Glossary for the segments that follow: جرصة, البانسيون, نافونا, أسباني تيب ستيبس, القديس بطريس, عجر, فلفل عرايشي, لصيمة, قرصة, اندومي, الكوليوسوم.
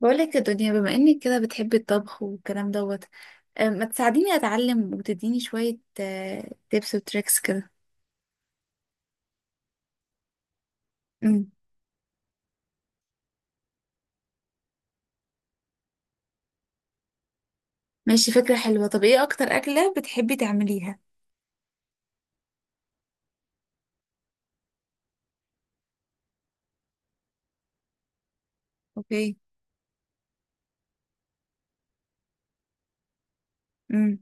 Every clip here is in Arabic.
بقولك يا دنيا، بما انك كده بتحبي الطبخ والكلام دوت. أه، ما تساعديني اتعلم وتديني شوية تيبس وتريكس كده. امم. ماشي، فكرة حلوة. طب ايه اكتر اكلة بتحبي تعمليها؟ اوكي. امم.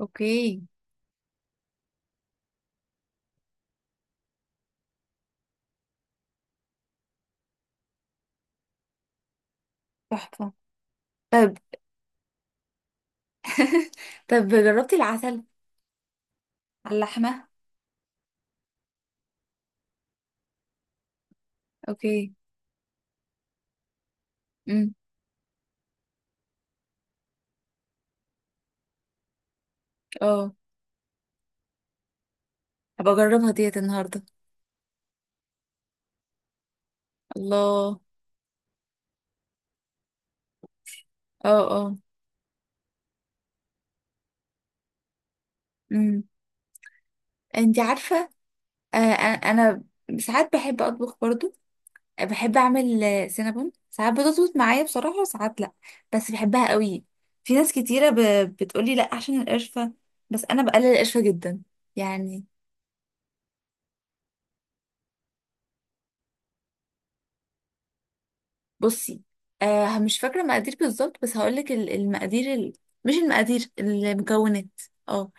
اوكي. تحفة. طب. طب جربتي العسل على اللحمة؟ اوكي. امم. اه هبقى اجربها ديت النهاردة. الله. اه اه. امم. انتي عارفة. انا ساعات بحب اطبخ برضو. بحب اعمل سينابون، ساعات بتظبط معايا بصراحة وساعات لا. بس بحبها قوي. في ناس كتيرة بتقولي لا عشان القرفة، بس انا بقلل القرفة جدا يعني. بصي، مش فاكرة مقادير بالظبط، بس هقولك المقادير مش المقادير، المكونات. اه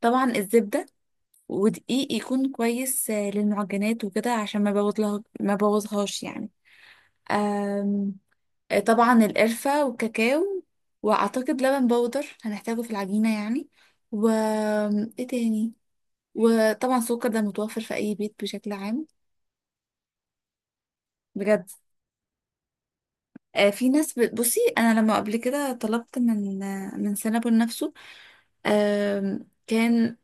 طبعا الزبدة، ودقيق يكون كويس، للمعجنات وكده عشان ما بوظلها ما بوظهاش يعني. طبعا القرفة والكاكاو. وأعتقد لبن بودر هنحتاجه في العجينة يعني. و، ايه تاني؟ وطبعا السكر ده متوفر في أي بيت بشكل عام. بجد. في ناس بصي أنا لما قبل كده طلبت من من سينابون نفسه. كان،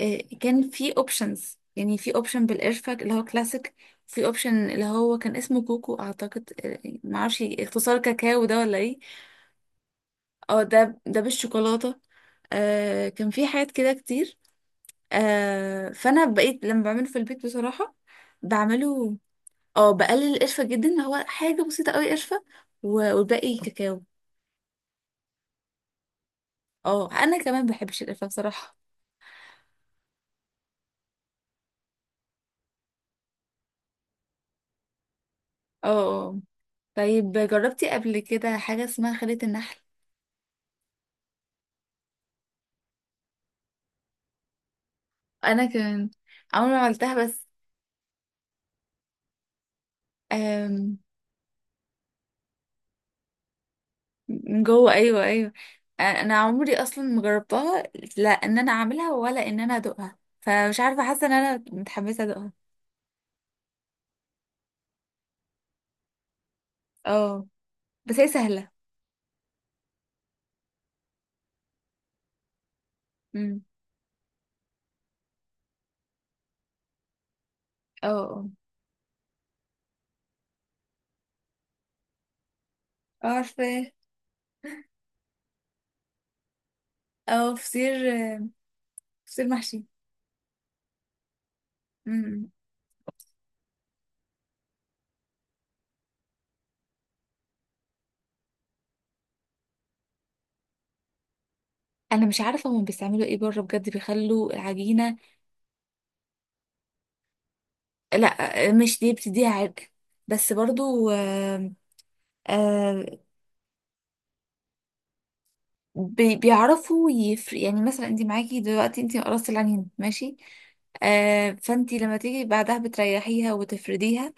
كان في اوبشنز يعني. في اوبشن بالقرفة اللي هو كلاسيك. في اوبشن اللي هو كان اسمه كوكو اعتقد، معرفش اختصار كاكاو ده ولا ايه. اه ده بالشوكولاتة. آه كان في حاجات كده كتير. آه فانا بقيت لما بعمله في البيت بصراحه بعمله. اه بقلل القرفه جدا، هو حاجه بسيطه قوي قرفه، والباقي كاكاو. اه انا كمان بحبش القرفه بصراحه. اه. آه. آه. طيب، جربتي قبل كده حاجه اسمها خلية النحل؟ انا كمان عمري ما عملتها بس. آم، من جوه، ايوه ايوه. آه، انا عمري اصلا ما جربتها، لا ان انا اعملها ولا ان انا ادوقها، فمش عارفه حاسه ان انا متحمسه ادوقها. اه بس هي سهلة. امم. اه اه اه عارفة. او فطير، فطير محشي. امم. انا مش عارفه هم بيستعملوا ايه بره بجد بيخلوا العجينه. لا مش دي، بتديها عرق، بس برضو آه. آه. بيعرفوا يفرق يعني. مثلا انت معاكي دلوقتي، انت قرصتي العجينه ماشي، آه، فانت لما تيجي بعدها بتريحيها وتفرديها.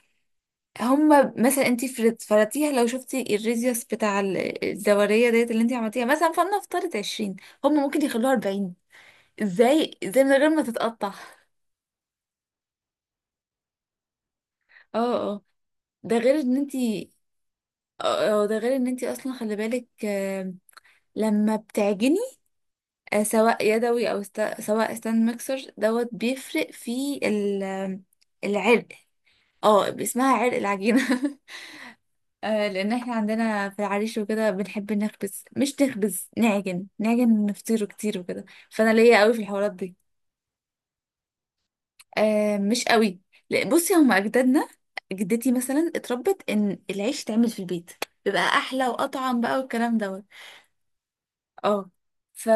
هما مثلا انتي فرضتيها، لو شفتي الريزيوس بتاع الدورية ديت اللي انتي عملتيها مثلا، فلنفترض 20، هما ممكن يخلوها 40. ازاي؟ ازاي من غير ما تتقطع؟ اه اه، ده غير ان انتي. اه اه، ده غير ان انتي اصلا خلي بالك. آم، لما بتعجني سواء يدوي او سواء ستاند ميكسر دوت، بيفرق في آم، العرق. اه اسمها عرق العجينة. آه لان احنا عندنا في العريش وكده بنحب نخبز، مش نخبز، نعجن، نعجن نفطيره كتير وكده. فانا ليا قوي في الحوارات دي. آه مش قوي. لا، بصي هما اجدادنا. جدتي مثلا اتربت ان العيش يتعمل في البيت، بيبقى احلى واطعم بقى والكلام دوت. اه. ف.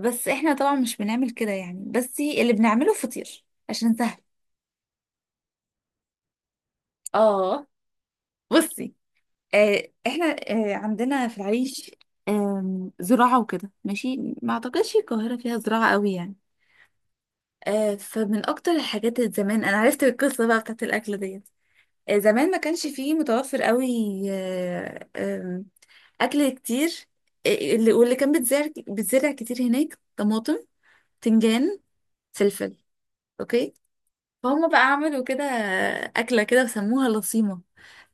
بس احنا طبعا مش بنعمل كده يعني، بس اللي بنعمله فطير عشان سهل. اه. بصي، احنا عندنا في العريش زراعة وكده ماشي. ما اعتقدش القاهرة فيها زراعة قوي يعني. فمن اكتر الحاجات اللي زمان انا عرفت القصة بقى بتاعت الاكل ديت، زمان ما كانش فيه متوفر قوي آه، آم، اكل كتير. آه، اللي كان بيتزرع بيتزرع كتير هناك، طماطم، تنجان، فلفل. اوكي. فهم بقى عملوا كده اكلة كده وسموها لصيمة.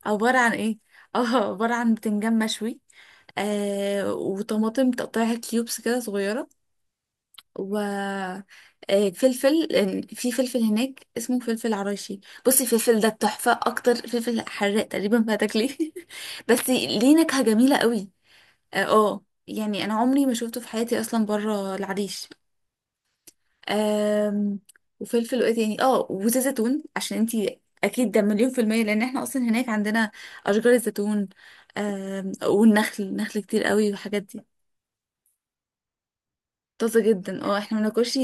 عبارة عن ايه؟ اه عبارة عن بتنجان مشوي، آه، وطماطم تقطعها كيوبس كده صغيرة. و، آه فلفل، لأن في فلفل هناك اسمه فلفل عرايشي. بصي الفلفل ده التحفة، أكتر فلفل حراق تقريبا ما هتاكليه. بس ليه نكهة جميلة قوي. اه، يعني أنا عمري ما شفته في حياتي أصلا بره العريش. آم. وفلفل، وإيه تاني؟ اه وزيت زيتون عشان انتي أكيد، ده مليون في المية، لأن احنا أصلا هناك عندنا أشجار الزيتون. آم، والنخل، نخل كتير قوي والحاجات دي. طازة جدا اه، احنا بناكلش.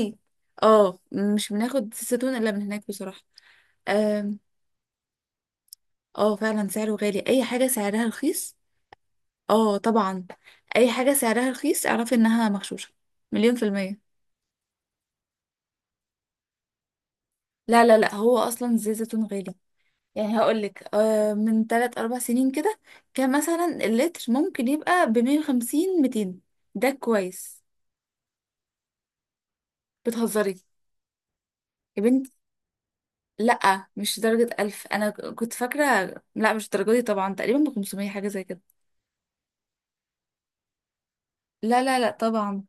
اه مش بناخد زيتون الا من هناك بصراحة. آم، اه فعلا سعره غالي. اي حاجة سعرها رخيص. اه طبعا. اي حاجة سعرها رخيص اعرفي انها مغشوشة مليون في المية. لا لا لا، هو اصلا زيت زيتون غالي يعني. هقولك من تلات اربع سنين كده كان مثلا اللتر ممكن يبقى بـ150، 200. ده كويس. بتهزري. يا بنتي، لا مش درجة 1000 أنا كنت فاكرة. لا مش الدرجة دي طبعا، تقريبا بـ500 حاجة زي كده. لا لا لا طبعا.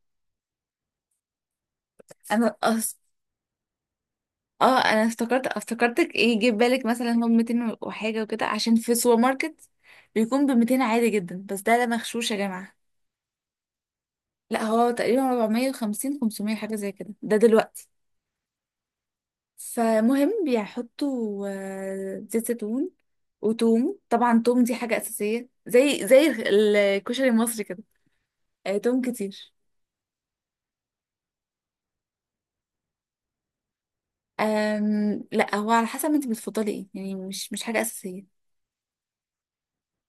انا أص... اه انا افتكرت، افتكرتك ايه جه في بالك، مثلا هو 200 وحاجه وكده، عشان في السوبر ماركت بيكون ب 200 عادي جدا، بس ده لا، مغشوش يا جماعه. لا هو تقريبا 450، 500 حاجه زي كده ده دلوقتي. فمهم بيحطوا زيت زيتون وتوم. طبعا توم دي حاجه اساسيه زي زي الكشري المصري كده. توم كتير. أم... لا هو على حسب انت بتفضلي ايه يعني، مش حاجه اساسيه.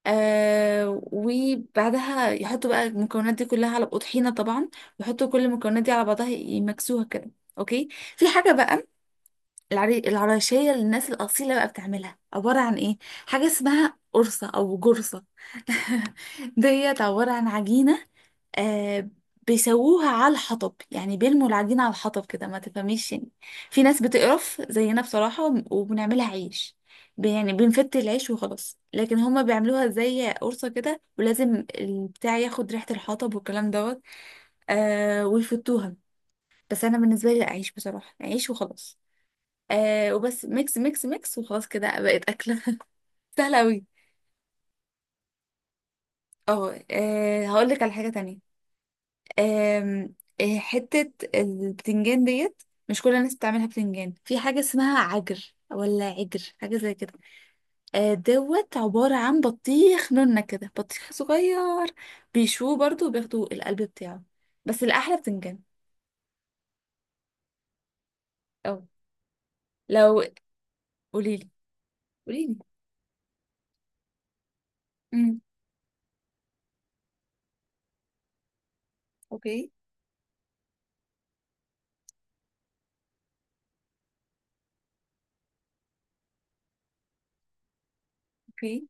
آه وبعدها يحطوا بقى المكونات دي كلها على طحينة طبعا، ويحطوا كل المكونات دي على بعضها يمكسوها كده. اوكي. في حاجة بقى، العراشية للناس الأصيلة بقى بتعملها عبارة عن ايه؟ حاجة اسمها قرصة أو جرصة. ديت عبارة عن عجينة آه. بيسووها على الحطب، يعني بيلموا العجينة على الحطب كده ما تفهميش يعني. في ناس بتقرف زينا بصراحة وبنعملها عيش، يعني بنفت العيش وخلاص، لكن هما بيعملوها زي قرصة كده، ولازم البتاع ياخد ريحة الحطب والكلام دوت. آه ويفتوها. بس أنا بالنسبة لي لا، عيش بصراحة، عيش وخلاص. آه وبس ميكس ميكس ميكس وخلاص كده بقت أكلة سهلة أوي. اه. هقول لك على حاجة تانية. آم، آه، حتة البتنجان ديت، مش كل الناس بتعملها بتنجان، في حاجة اسمها عجر ولا عجر حاجة زي كده، دوت عبارة عن بطيخ نونة كده بطيخ صغير، بيشوه برضو وبياخدوا القلب بتاعه. بس الأحلى بتنجان. اه. لو. قوليلي. قوليلي. امم. اوكي. اوكي.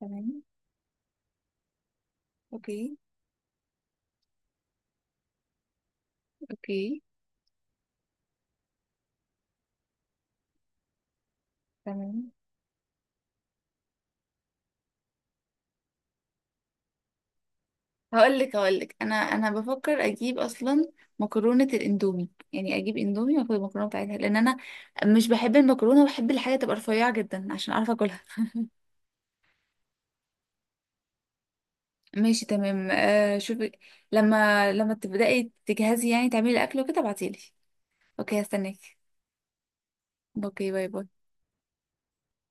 تمام. اوكي. اوكي. تمام. هقول لك انا بفكر اجيب اصلا مكرونه الاندومي يعني، اجيب اندومي واخد المكرونه بتاعتها، لان انا مش بحب المكرونه، وبحب الحاجه تبقى رفيعه جدا عشان اعرف اكلها. ماشي تمام آه شوفي، لما تبداي تجهزي يعني تعملي الاكل وكده ابعتيلي. اوكي هستناك. اوكي باي باي.